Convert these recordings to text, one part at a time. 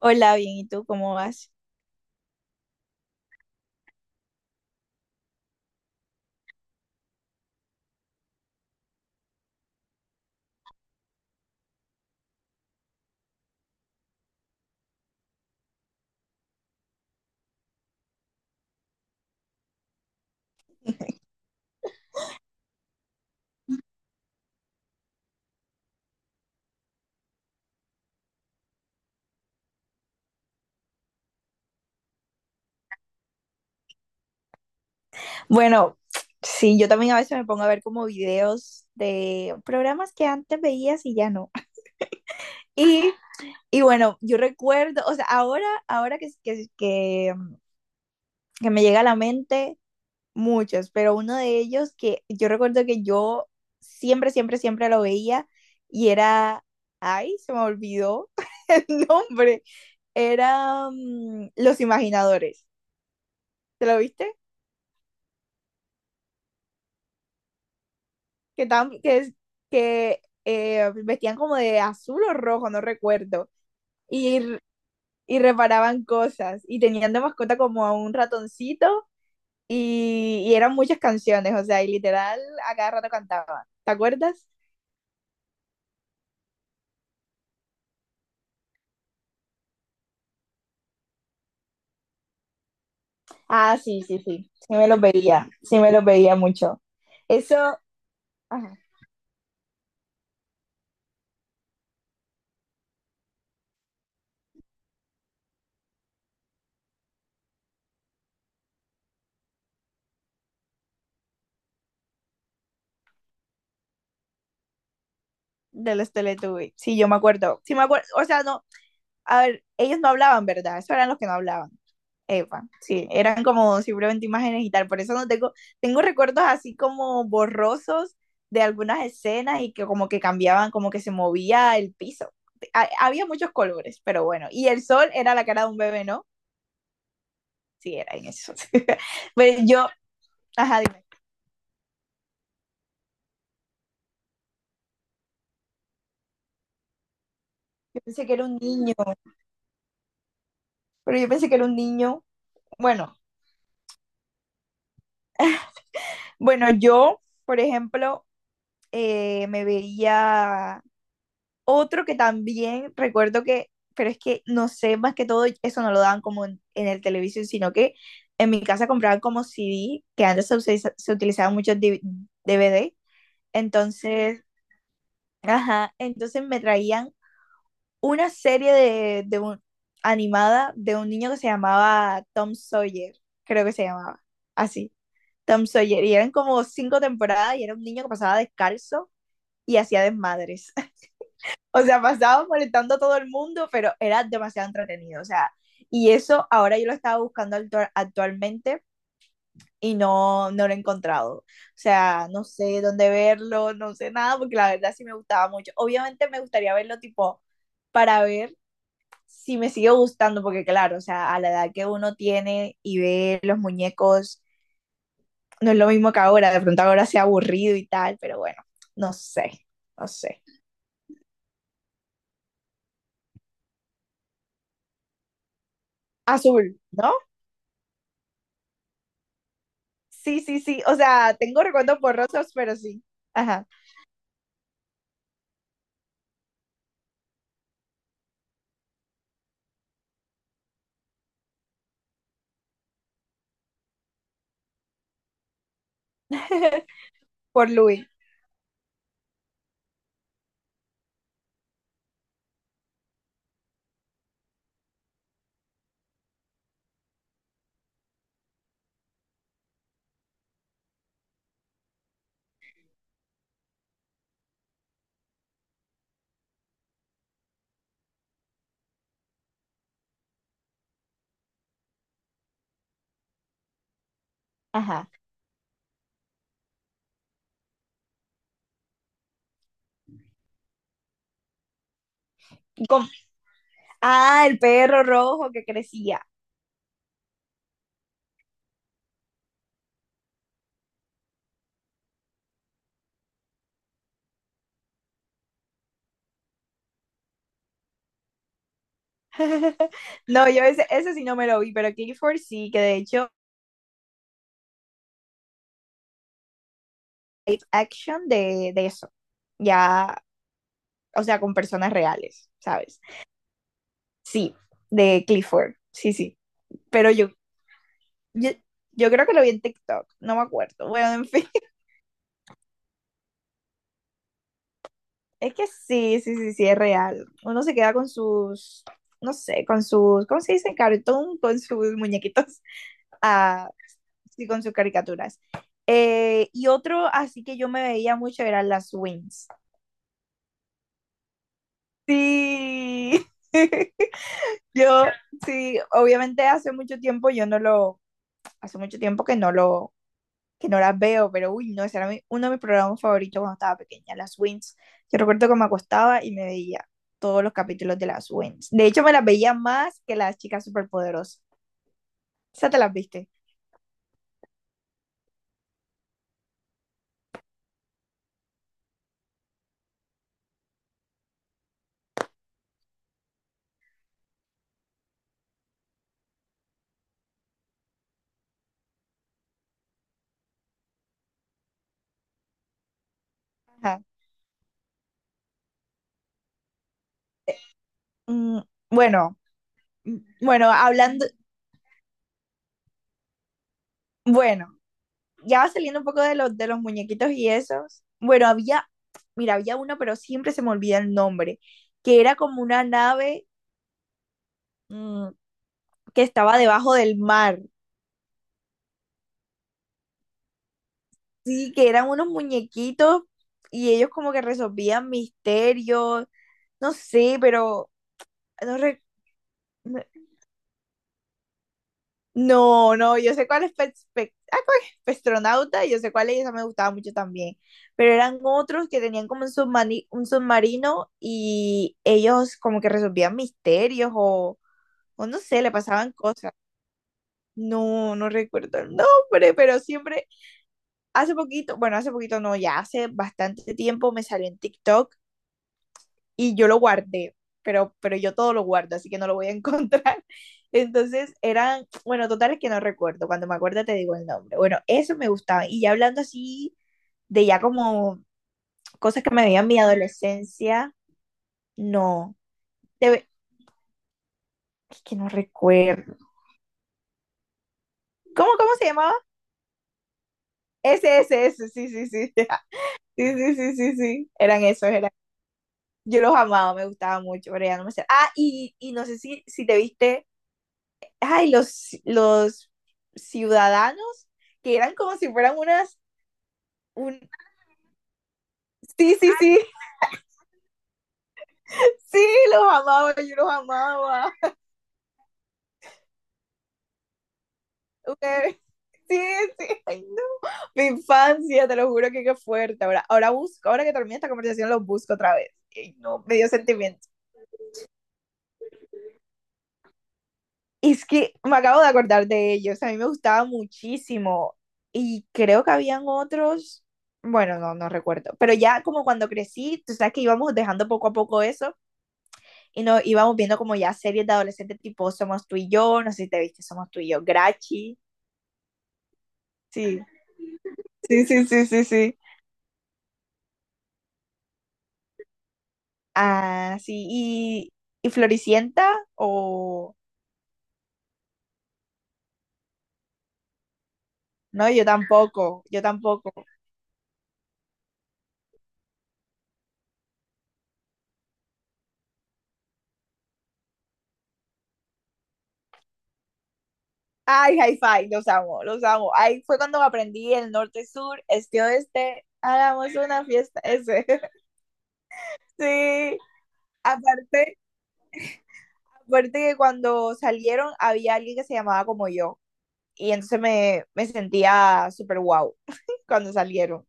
Hola, bien, ¿y tú cómo vas? Bueno, sí, yo también a veces me pongo a ver como videos de programas que antes veías y ya no. Y, y bueno, yo recuerdo, o sea, ahora que me llega a la mente muchos, pero uno de ellos que yo recuerdo que yo siempre, siempre, siempre lo veía y era, ay, se me olvidó el nombre, era Los Imaginadores. ¿Te lo viste? Que, tan, que, que vestían como de azul o rojo, no recuerdo, y, r- y reparaban cosas, y tenían de mascota como a un ratoncito, y eran muchas canciones, o sea, y literal a cada rato cantaban, ¿te acuerdas? Ah, sí, sí, sí, sí me los veía, sí me los veía mucho. Eso, ajá, de los Teletubbies, sí, yo me acuerdo, sí me acuerdo, o sea, no, a ver, ellos no hablaban, ¿verdad? Eso eran los que no hablaban. Epa, sí, eran como simplemente imágenes y tal, por eso no tengo, tengo recuerdos así como borrosos de algunas escenas y que como que cambiaban, como que se movía el piso. Había muchos colores, pero bueno, y el sol era la cara de un bebé, ¿no? Sí, era en eso. Pero yo, ajá, dime, yo pensé que era un niño, pero yo pensé que era un niño. Bueno, bueno, yo, por ejemplo, me veía otro que también recuerdo que, pero es que no sé, más que todo eso no lo daban como en el televisión, sino que en mi casa compraban como c d que antes se utilizaban muchos d v d. Entonces, ajá, entonces me traían una serie de un, animada de un niño que se llamaba Tom Sawyer, creo que se llamaba así, Tom Sawyer. Y eran como 5 temporadas y era un niño que pasaba descalzo y hacía desmadres. O sea, pasaba molestando a todo el mundo, pero era demasiado entretenido. O sea, y eso ahora yo lo estaba buscando actualmente y no, no lo he encontrado. O sea, no sé dónde verlo, no sé nada, porque la verdad sí me gustaba mucho. Obviamente me gustaría verlo tipo para ver si me sigue gustando, porque claro, o sea, a la edad que uno tiene y ve los muñecos, no es lo mismo que ahora. De pronto ahora sea aburrido y tal, pero bueno, no sé, no sé. Azul, ¿no? Sí, sí, sí. O sea, tengo recuerdos borrosos, pero sí. Ajá. Por Louis. Ajá. Con- ah, el perro rojo que crecía. No, yo ese, ese sí no me lo vi, pero Clifford sí, que de hecho, live action de eso. Ya, o sea, con personas reales, ¿sabes? Sí, de Clifford. Sí, sí. Pero yo, yo creo que lo vi en TikTok, no me acuerdo. Bueno, en fin. Es que sí, sí, sí, sí, es real. Uno se queda con sus, no sé, con sus, ¿cómo se dice? Cartoon, con sus muñequitos, ah, sí, con sus caricaturas. Y otro así que yo me veía mucho eran las Wings. Sí. Yo, sí, obviamente hace mucho tiempo yo no lo, hace mucho tiempo que no lo, que no las veo, pero uy, no, ese era uno de mis programas favoritos cuando estaba pequeña, las Wins. Yo recuerdo que me acostaba y me veía todos los capítulos de las Wins. De hecho, me las veía más que las chicas superpoderosas. ¿Ya te las viste? Ajá. Mm, bueno, bueno, hablando, bueno, ya va saliendo un poco de los muñequitos y esos. Bueno, había, mira, había uno, pero siempre se me olvida el nombre, que era como una nave, mm, que estaba debajo del mar. Sí, que eran unos muñequitos y ellos como que resolvían misterios, no sé, pero no, no, no, yo sé cuál es ah, ¿cuál es? Pestronauta, yo sé cuál es, esa me gustaba mucho también, pero eran otros que tenían como un un submarino y ellos como que resolvían misterios o no sé, le pasaban cosas. No, no recuerdo el nombre, pero siempre, hace poquito, bueno, hace poquito no, ya hace bastante tiempo me salió en TikTok y yo lo guardé, pero yo todo lo guardo, así que no lo voy a encontrar. Entonces eran, bueno, totales que no recuerdo, cuando me acuerdo te digo el nombre. Bueno, eso me gustaba. Y ya hablando así de ya como cosas que me veían mi adolescencia, no, Debe... es que no recuerdo. ¿Cómo, cómo se llamaba? Ese, sí, sí, sí. Sí, sí, sí, sí, sí. Eran esos, eran. Yo los amaba, me gustaba mucho, pero ya no me sé. Ah, y no sé si, si te viste ay, los ciudadanos que eran como si fueran unas, un, sí, sí, sí, sí, los amaba, yo los amaba. Okay. Sí, sí, ay, no. Mi infancia, te lo juro que qué fuerte. Ahora, ahora busco, ahora que termine esta conversación, los busco otra vez. Ay, no, me dio sentimiento. Es que me acabo de acordar de ellos, a mí me gustaba muchísimo. Y creo que habían otros, bueno, no, no recuerdo, pero ya como cuando crecí, tú sabes que íbamos dejando poco a poco eso y no, íbamos viendo como ya series de adolescentes tipo Somos tú y yo, no sé si te viste Somos tú y yo, Grachi, sí, sí, sí, sí, sí, sí. Ah, sí, y Floricienta o... No, yo tampoco, yo tampoco. Ay, hi-fi, los amo, los amo. Ahí fue cuando aprendí el norte-sur, este-oeste, hagamos una fiesta, ese. Sí, aparte, aparte que cuando salieron había alguien que se llamaba como yo. Y entonces me sentía súper wow cuando salieron.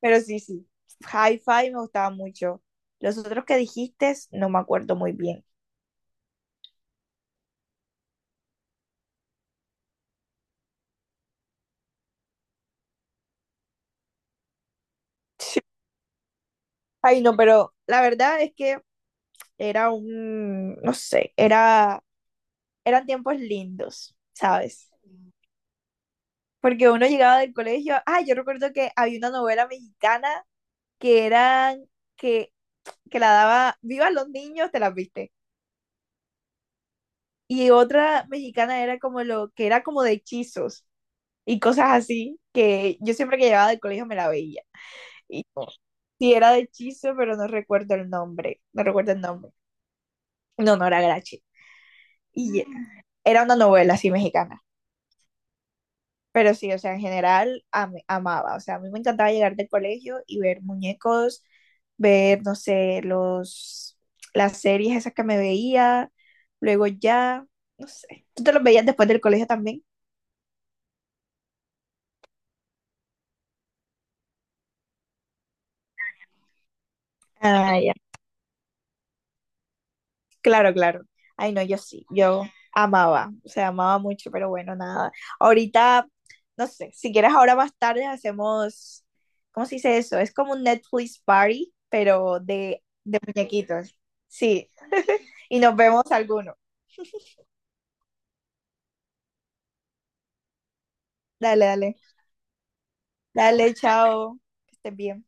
Pero sí, sí, Hi-Fi me gustaba mucho. Los otros que dijiste no me acuerdo muy bien. Ay, no, pero la verdad es que era un, no sé, era, eran tiempos lindos, ¿sabes? Porque uno llegaba del colegio, ah, yo recuerdo que había una novela mexicana que eran, que que la daba Viva los niños, te las viste. Y otra mexicana era como lo que era como de hechizos y cosas así, que yo siempre que llegaba del colegio me la veía. Y no, sí era de hechizo, pero no recuerdo el nombre, no recuerdo el nombre. No, no era Grachi. Y era una novela así mexicana. Pero sí, o sea, en general amaba, o sea, a mí me encantaba llegar del colegio y ver muñecos, ver, no sé, los, las series esas que me veía, luego ya, no sé, ¿tú te los veías después del colegio también? Ah, ya. Claro, claro. Ay, no, yo sí, yo amaba, o sea, amaba mucho, pero bueno, nada. Ahorita, no sé, si quieres ahora más tarde hacemos, ¿cómo se dice eso? Es como un Netflix party, pero de muñequitos. Sí, y nos vemos algunos. Dale, dale. Dale, chao. Que estés bien.